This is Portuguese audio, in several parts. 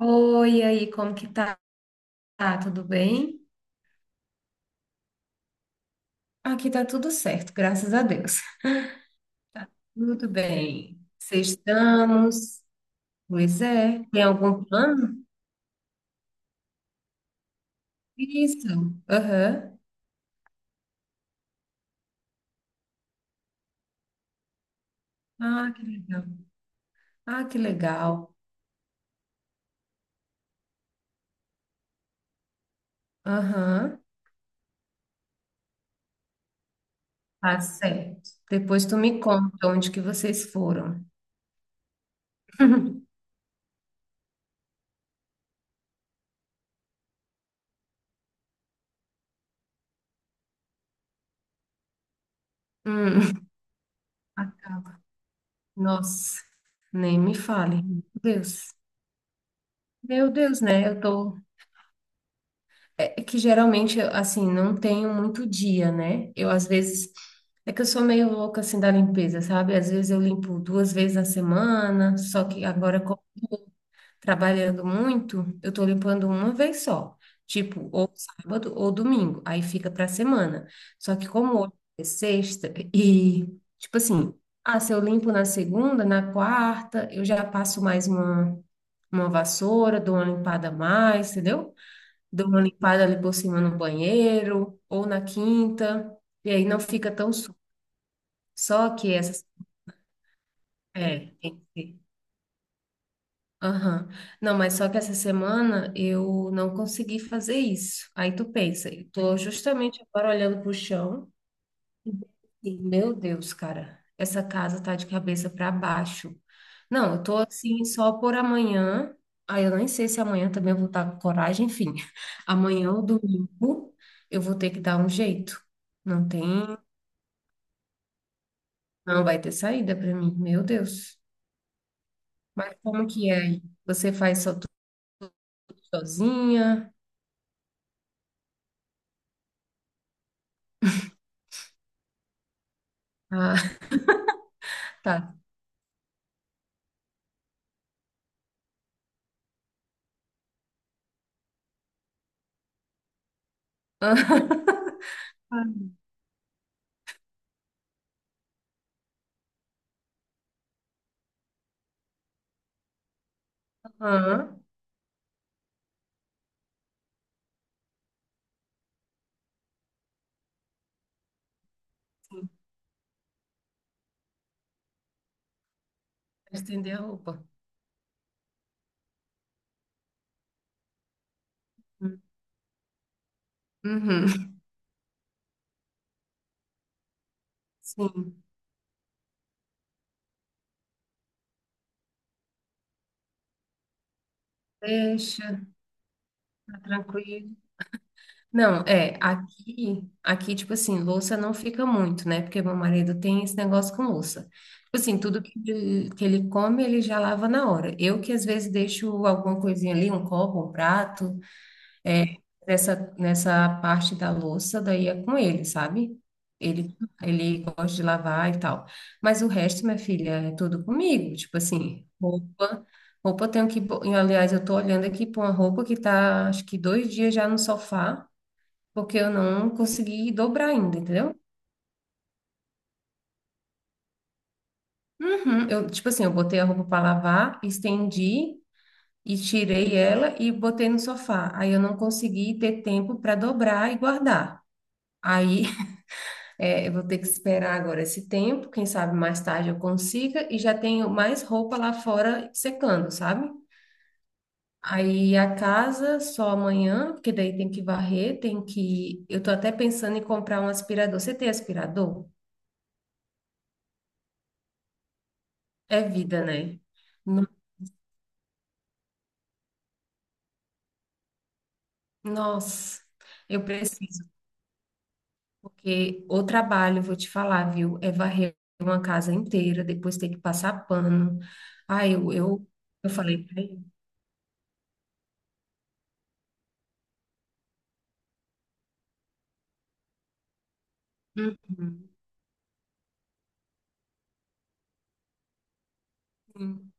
Oi, e aí, como que tá? Tá tudo bem? Aqui tá tudo certo, graças a Deus. Tudo bem. Sextamos. Pois é. Tem algum plano? Isso. Aham. Ah, que legal. Ah, que legal. Aham. Tá certo. Depois tu me conta onde que vocês foram. Hum, acaba. Nossa, nem me fale. Meu Deus. Meu Deus, né? Eu tô. É que geralmente, eu, assim, não tenho muito dia, né? Eu, às vezes, é que eu sou meio louca, assim, da limpeza, sabe? Às vezes eu limpo duas vezes na semana, só que agora, trabalhando muito, eu tô limpando uma vez só. Tipo, ou sábado ou domingo, aí fica pra semana. Só que como hoje é sexta e, tipo assim, ah, se eu limpo na segunda, na quarta, eu já passo uma vassoura, dou uma limpada a mais, entendeu? Dou uma limpada ali por cima no banheiro ou na quinta, e aí não fica tão sujo. Só que essa. É, tem que ser. Aham. Não, mas só que essa semana eu não consegui fazer isso. Aí tu pensa, eu tô justamente agora olhando pro chão. E, meu Deus, cara, essa casa tá de cabeça para baixo. Não, eu tô assim só por amanhã. Aí eu nem sei se amanhã também eu vou estar com coragem, enfim. Amanhã ou domingo eu vou ter que dar um jeito. Não tem, não vai ter saída para mim, meu Deus. Mas como que é aí? Você faz só tudo sozinha? Ah, tá. Aham, sim. Estender a roupa. Uhum. Sim, deixa, tá tranquilo. Não, é, tipo assim, louça não fica muito, né? Porque meu marido tem esse negócio com louça. Tipo assim, tudo que ele come, ele já lava na hora. Eu que às vezes deixo alguma coisinha ali, um copo, um prato, é, nessa parte da louça, daí é com ele, sabe? Ele, ele gosta de lavar e tal. Mas o resto, minha filha, é tudo comigo. Tipo assim, roupa eu tenho que. Aliás, eu tô olhando aqui pra uma roupa que tá, acho que dois dias já no sofá porque eu não consegui dobrar ainda, entendeu? Uhum. Eu, tipo assim, eu botei a roupa para lavar, estendi e tirei ela e botei no sofá. Aí eu não consegui ter tempo para dobrar e guardar. Aí é, eu vou ter que esperar agora esse tempo, quem sabe mais tarde eu consiga e já tenho mais roupa lá fora secando, sabe? Aí a casa só amanhã, porque daí tem que varrer, tem que. Eu tô até pensando em comprar um aspirador. Você tem aspirador? É vida, né? Nossa, eu preciso, porque o trabalho, vou te falar, viu? É varrer uma casa inteira, depois ter que passar pano. Ai, eu falei pra ele. Uhum, sim,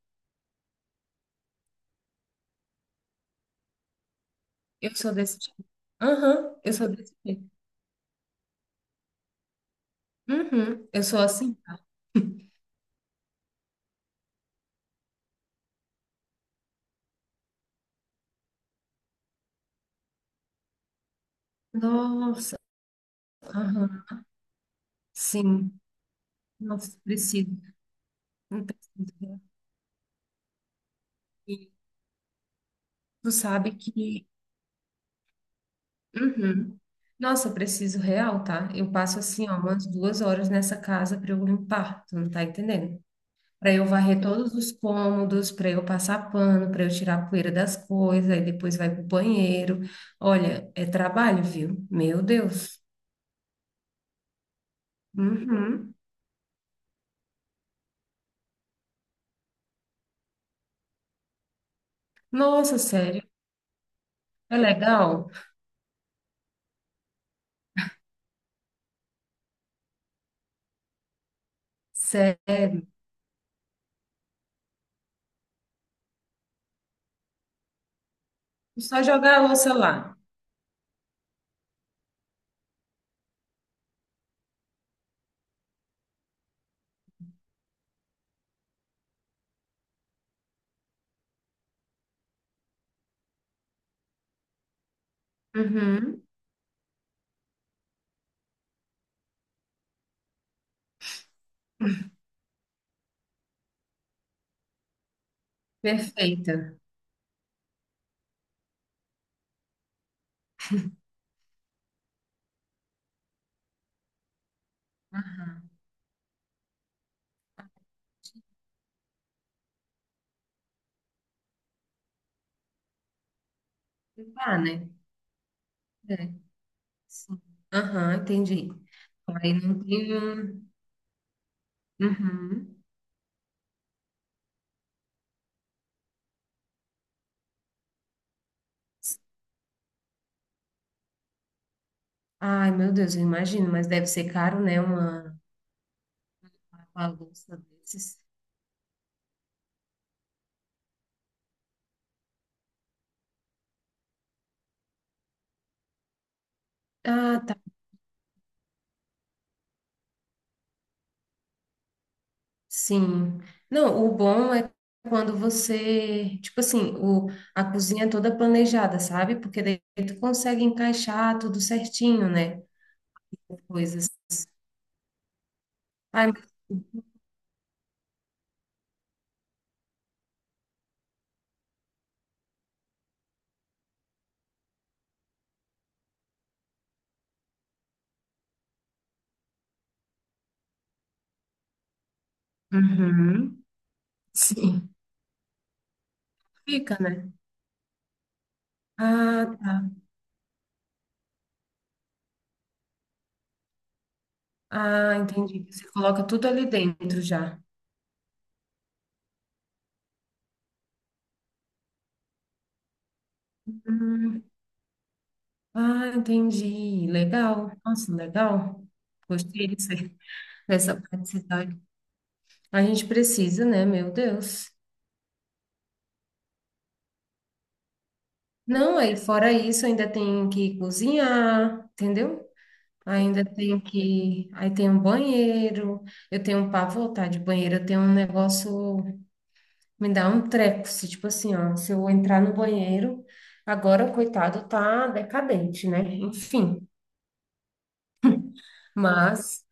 eu sou desse tipo. Aham, eu sou desse tipo. Uhum, eu sou assim, tá? Nossa, aham, sim. Nossa, preciso. Não preciso. Né? E tu sabe que. Uhum. Nossa, eu preciso real, tá? Eu passo assim, ó, umas duas horas nessa casa para eu limpar, tu não tá entendendo? Para eu varrer todos os cômodos, para eu passar pano, para eu tirar a poeira das coisas, aí depois vai pro banheiro. Olha, é trabalho, viu? Meu Deus. Uhum. Nossa, sério? É legal? Sério? Só jogar a louça lá. Uhum. Perfeita. Aham. Tá, né? É. Sim. Aham, entendi. Aí não tem um. Uhum. Ai, meu Deus, eu imagino, mas deve ser caro, né? Uma louça desses. Ah, tá. Sim. Não, o bom é quando você, tipo assim, o, a cozinha é toda planejada, sabe? Porque daí tu consegue encaixar tudo certinho, né? Coisas. Ai, uhum. Sim. Fica, né? Ah, tá. Ah, entendi. Você coloca tudo ali dentro já. Hum, ah, entendi. Legal. Nossa, legal. Gostei disso aí, dessa praticidade. A gente precisa, né? Meu Deus. Não, aí fora isso, ainda tem que cozinhar, entendeu? Ainda tem que. Aí tem um banheiro. Eu tenho um pavor, tá? De banheiro, eu tenho um negócio. Me dá um treco. Se, tipo assim, ó, se eu entrar no banheiro, agora, coitado, tá decadente, né? Enfim. Mas.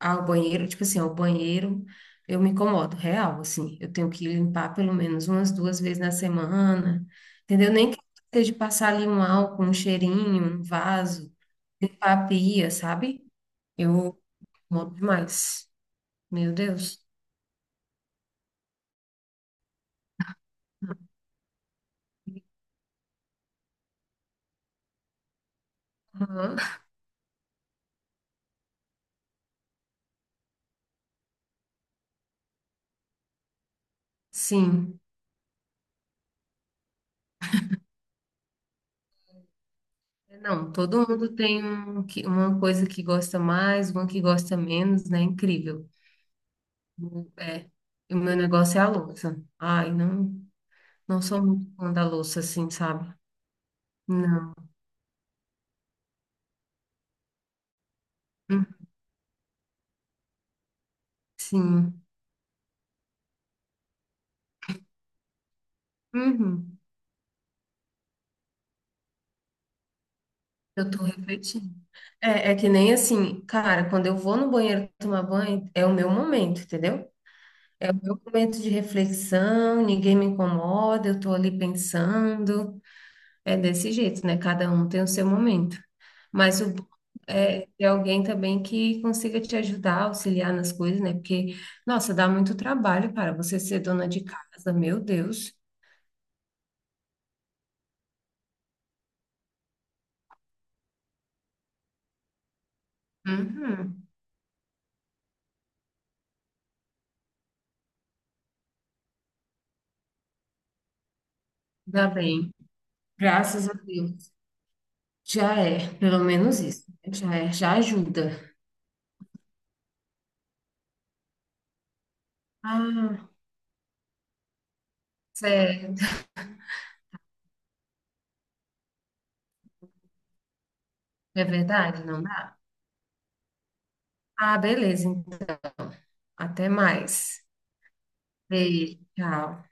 Ao banheiro, eu me incomodo, real, assim. Eu tenho que limpar pelo menos umas duas vezes na semana, entendeu? Nem que seja passar ali um álcool, um cheirinho, um vaso, limpar a pia, sabe? Eu incomodo demais. Meu Deus. Aham. Sim. Não, todo mundo tem um, uma coisa que gosta mais, uma que gosta menos, né? Incrível. É, e o meu negócio é a louça. Ai, não, não sou muito fã da louça, assim, sabe? Não. Hum, sim. Uhum. Eu tô refletindo. É, é que nem assim, cara, quando eu vou no banheiro tomar banho, é o meu momento, entendeu? É o meu momento de reflexão, ninguém me incomoda, eu tô ali pensando. É desse jeito, né? Cada um tem o seu momento. Mas o bom é ter alguém também que consiga te ajudar, auxiliar nas coisas, né? Porque, nossa, dá muito trabalho, cara, você ser dona de casa, meu Deus. Uhum. Dá bem. Graças a Deus. Já é, pelo menos isso. Já é, já ajuda. Ah, certo. É verdade, não dá? Ah, beleza. Então. Até mais. Beijo, tchau.